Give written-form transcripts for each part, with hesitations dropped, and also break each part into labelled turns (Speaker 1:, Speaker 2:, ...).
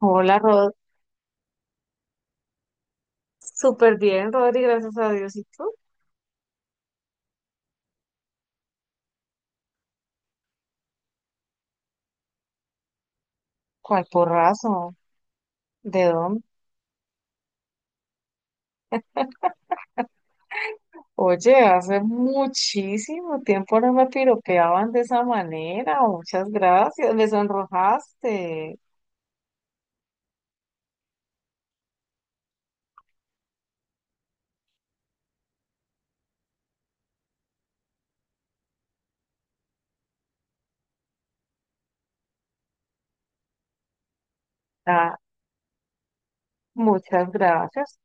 Speaker 1: Hola, Rod. Súper bien, Rodri, gracias a Dios. ¿Y tú? ¿Cuál porrazo? ¿De dónde? Oye, hace muchísimo tiempo no me piropeaban de esa manera. Muchas gracias. Me sonrojaste. Ah, muchas gracias.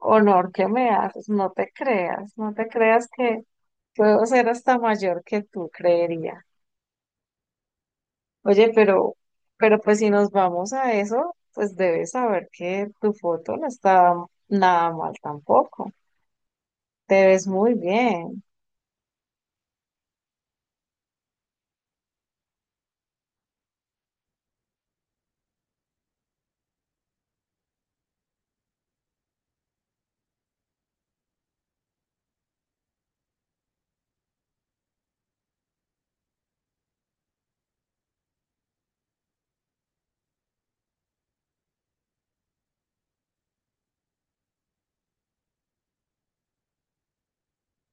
Speaker 1: Honor que me haces. No te creas, no te creas que puedo ser hasta mayor que tú creería. Oye, pero pues si nos vamos a eso, pues debes saber que tu foto no está nada mal tampoco. Te ves muy bien.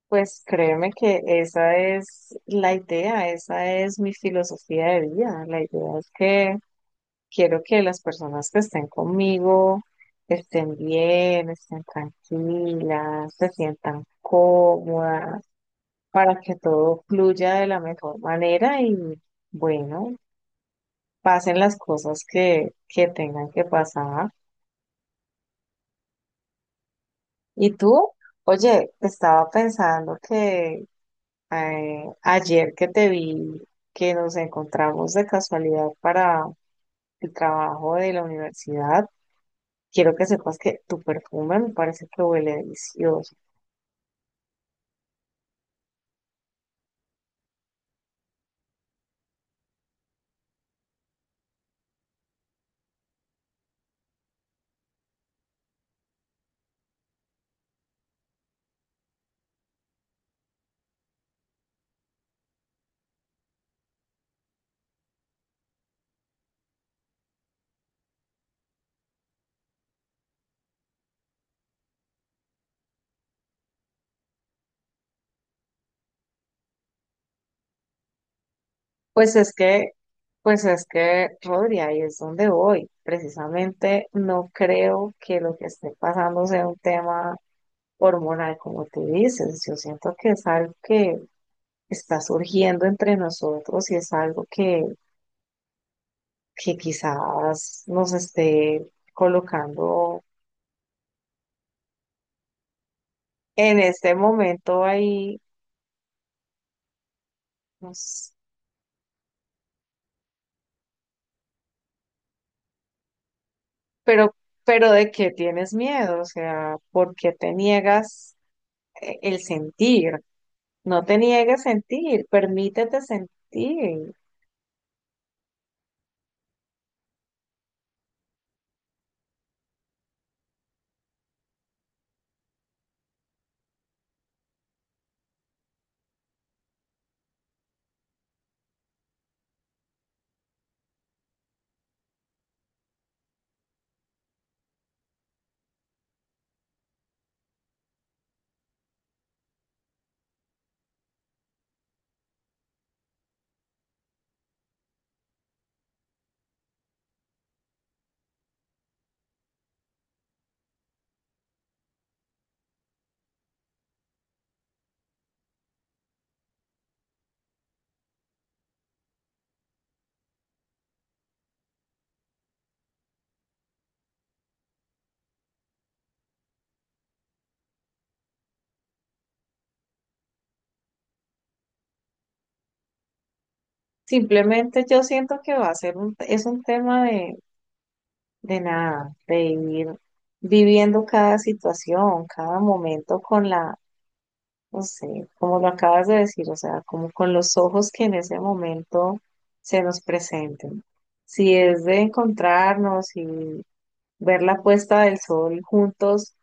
Speaker 1: Pues créeme que esa es la idea, esa es mi filosofía de vida. La idea es que quiero que las personas que estén conmigo estén bien, estén tranquilas, se sientan cómodas, para que todo fluya de la mejor manera y bueno, pasen las cosas que tengan que pasar. ¿Y tú? Oye, estaba pensando que ayer que te vi, que nos encontramos de casualidad para el trabajo de la universidad, quiero que sepas que tu perfume me parece que huele delicioso. Pues es que, pues es que, Rodri, ahí es donde voy. Precisamente no creo que lo que esté pasando sea un tema hormonal, como tú dices. Yo siento que es algo que está surgiendo entre nosotros y es algo que quizás nos esté colocando en este momento ahí, no pero, pero de qué tienes miedo, o sea, ¿por qué te niegas el sentir? No te niegues sentir, permítete sentir. Simplemente yo siento que va a ser es un tema de nada, de ir viviendo cada situación, cada momento con la. No sé, como lo acabas de decir, o sea, como con los ojos que en ese momento se nos presenten. Si es de encontrarnos y ver la puesta del sol juntos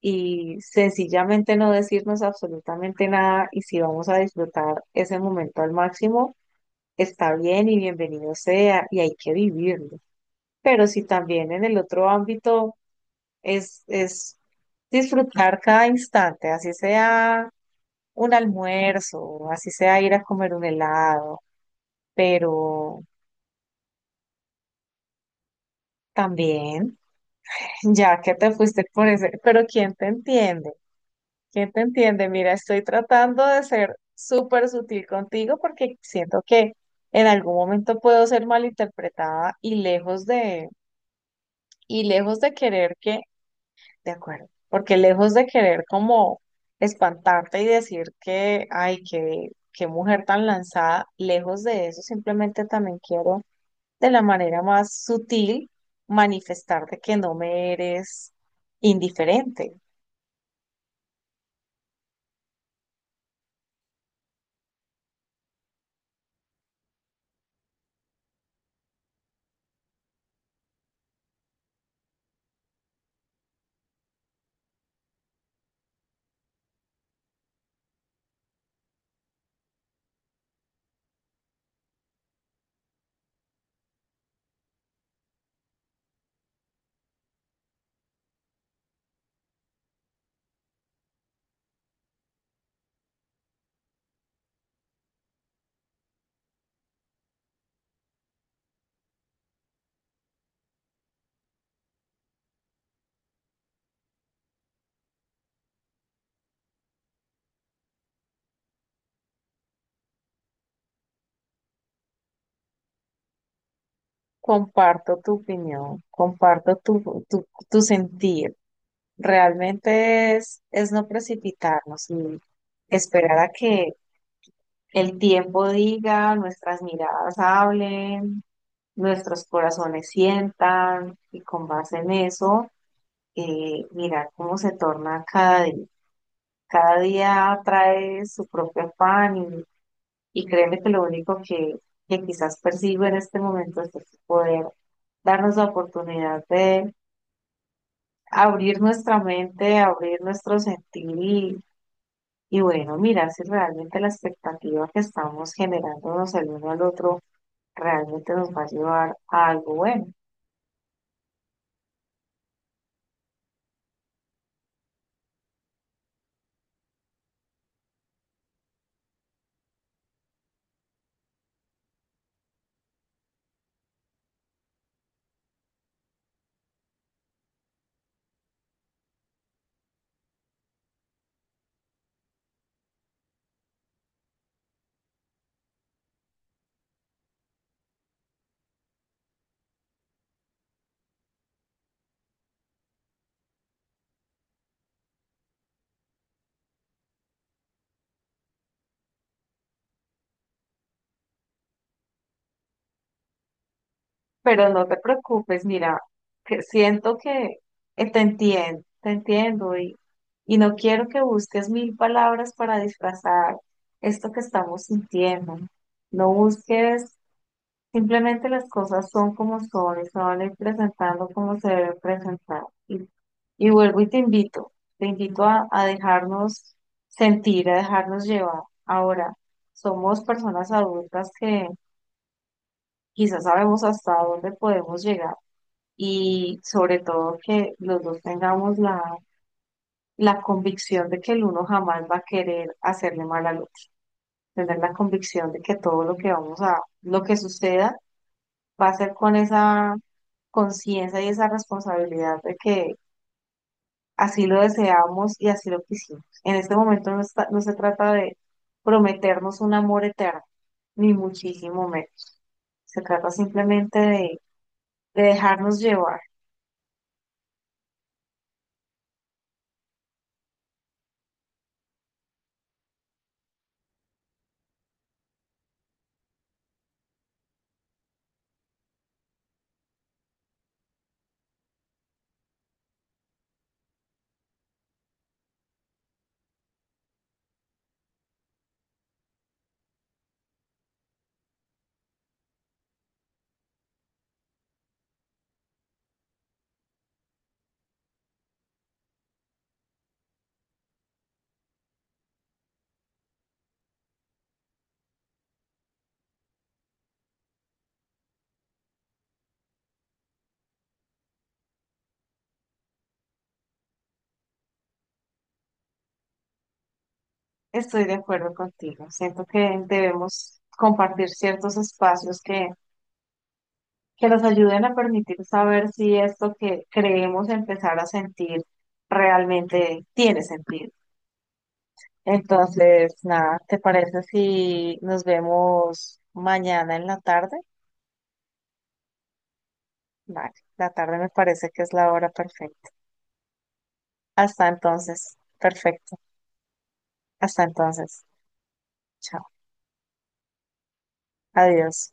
Speaker 1: y sencillamente no decirnos absolutamente nada y si vamos a disfrutar ese momento al máximo, está bien y bienvenido sea y hay que vivirlo. Pero si también en el otro ámbito es disfrutar cada instante, así sea un almuerzo, así sea ir a comer un helado, pero también, ya que te fuiste por ese, pero ¿quién te entiende? ¿Quién te entiende? Mira, estoy tratando de ser súper sutil contigo porque siento que en algún momento puedo ser malinterpretada y y lejos de querer que, de acuerdo, porque lejos de querer como espantarte y decir que, ay, que qué mujer tan lanzada, lejos de eso, simplemente también quiero de la manera más sutil manifestar de que no me eres indiferente. Comparto tu opinión, comparto tu sentir. Realmente es no precipitarnos y esperar a que el tiempo diga, nuestras miradas hablen, nuestros corazones sientan y con base en eso, mirar cómo se torna cada día. Cada día trae su propio afán. Y créeme que lo único que quizás persigo en este momento es poder darnos la oportunidad de abrir nuestra mente, abrir nuestro sentir y bueno, mirar si realmente la expectativa que estamos generándonos el uno al otro realmente nos va a llevar a algo bueno. Pero no te preocupes, mira, que siento que te entiendo y no quiero que busques mil palabras para disfrazar esto que estamos sintiendo. No busques, simplemente las cosas son como son y se van a ir presentando como se deben presentar. Y, y vuelvo y te invito a dejarnos sentir, a dejarnos llevar. Ahora, somos personas adultas que quizás sabemos hasta dónde podemos llegar y sobre todo que los dos tengamos la, la convicción de que el uno jamás va a querer hacerle mal al otro, tener la convicción de que todo lo que vamos a, lo que suceda va a ser con esa conciencia y esa responsabilidad de que así lo deseamos y así lo quisimos. En este momento no está- no se trata de prometernos un amor eterno, ni muchísimo menos. Se trata simplemente de dejarnos llevar. Estoy de acuerdo contigo. Siento que debemos compartir ciertos espacios que nos ayuden a permitir saber si esto que creemos empezar a sentir realmente tiene sentido. Entonces, nada, ¿te parece si nos vemos mañana en la tarde? Vale, la tarde me parece que es la hora perfecta. Hasta entonces, perfecto. Hasta entonces, chao. Adiós.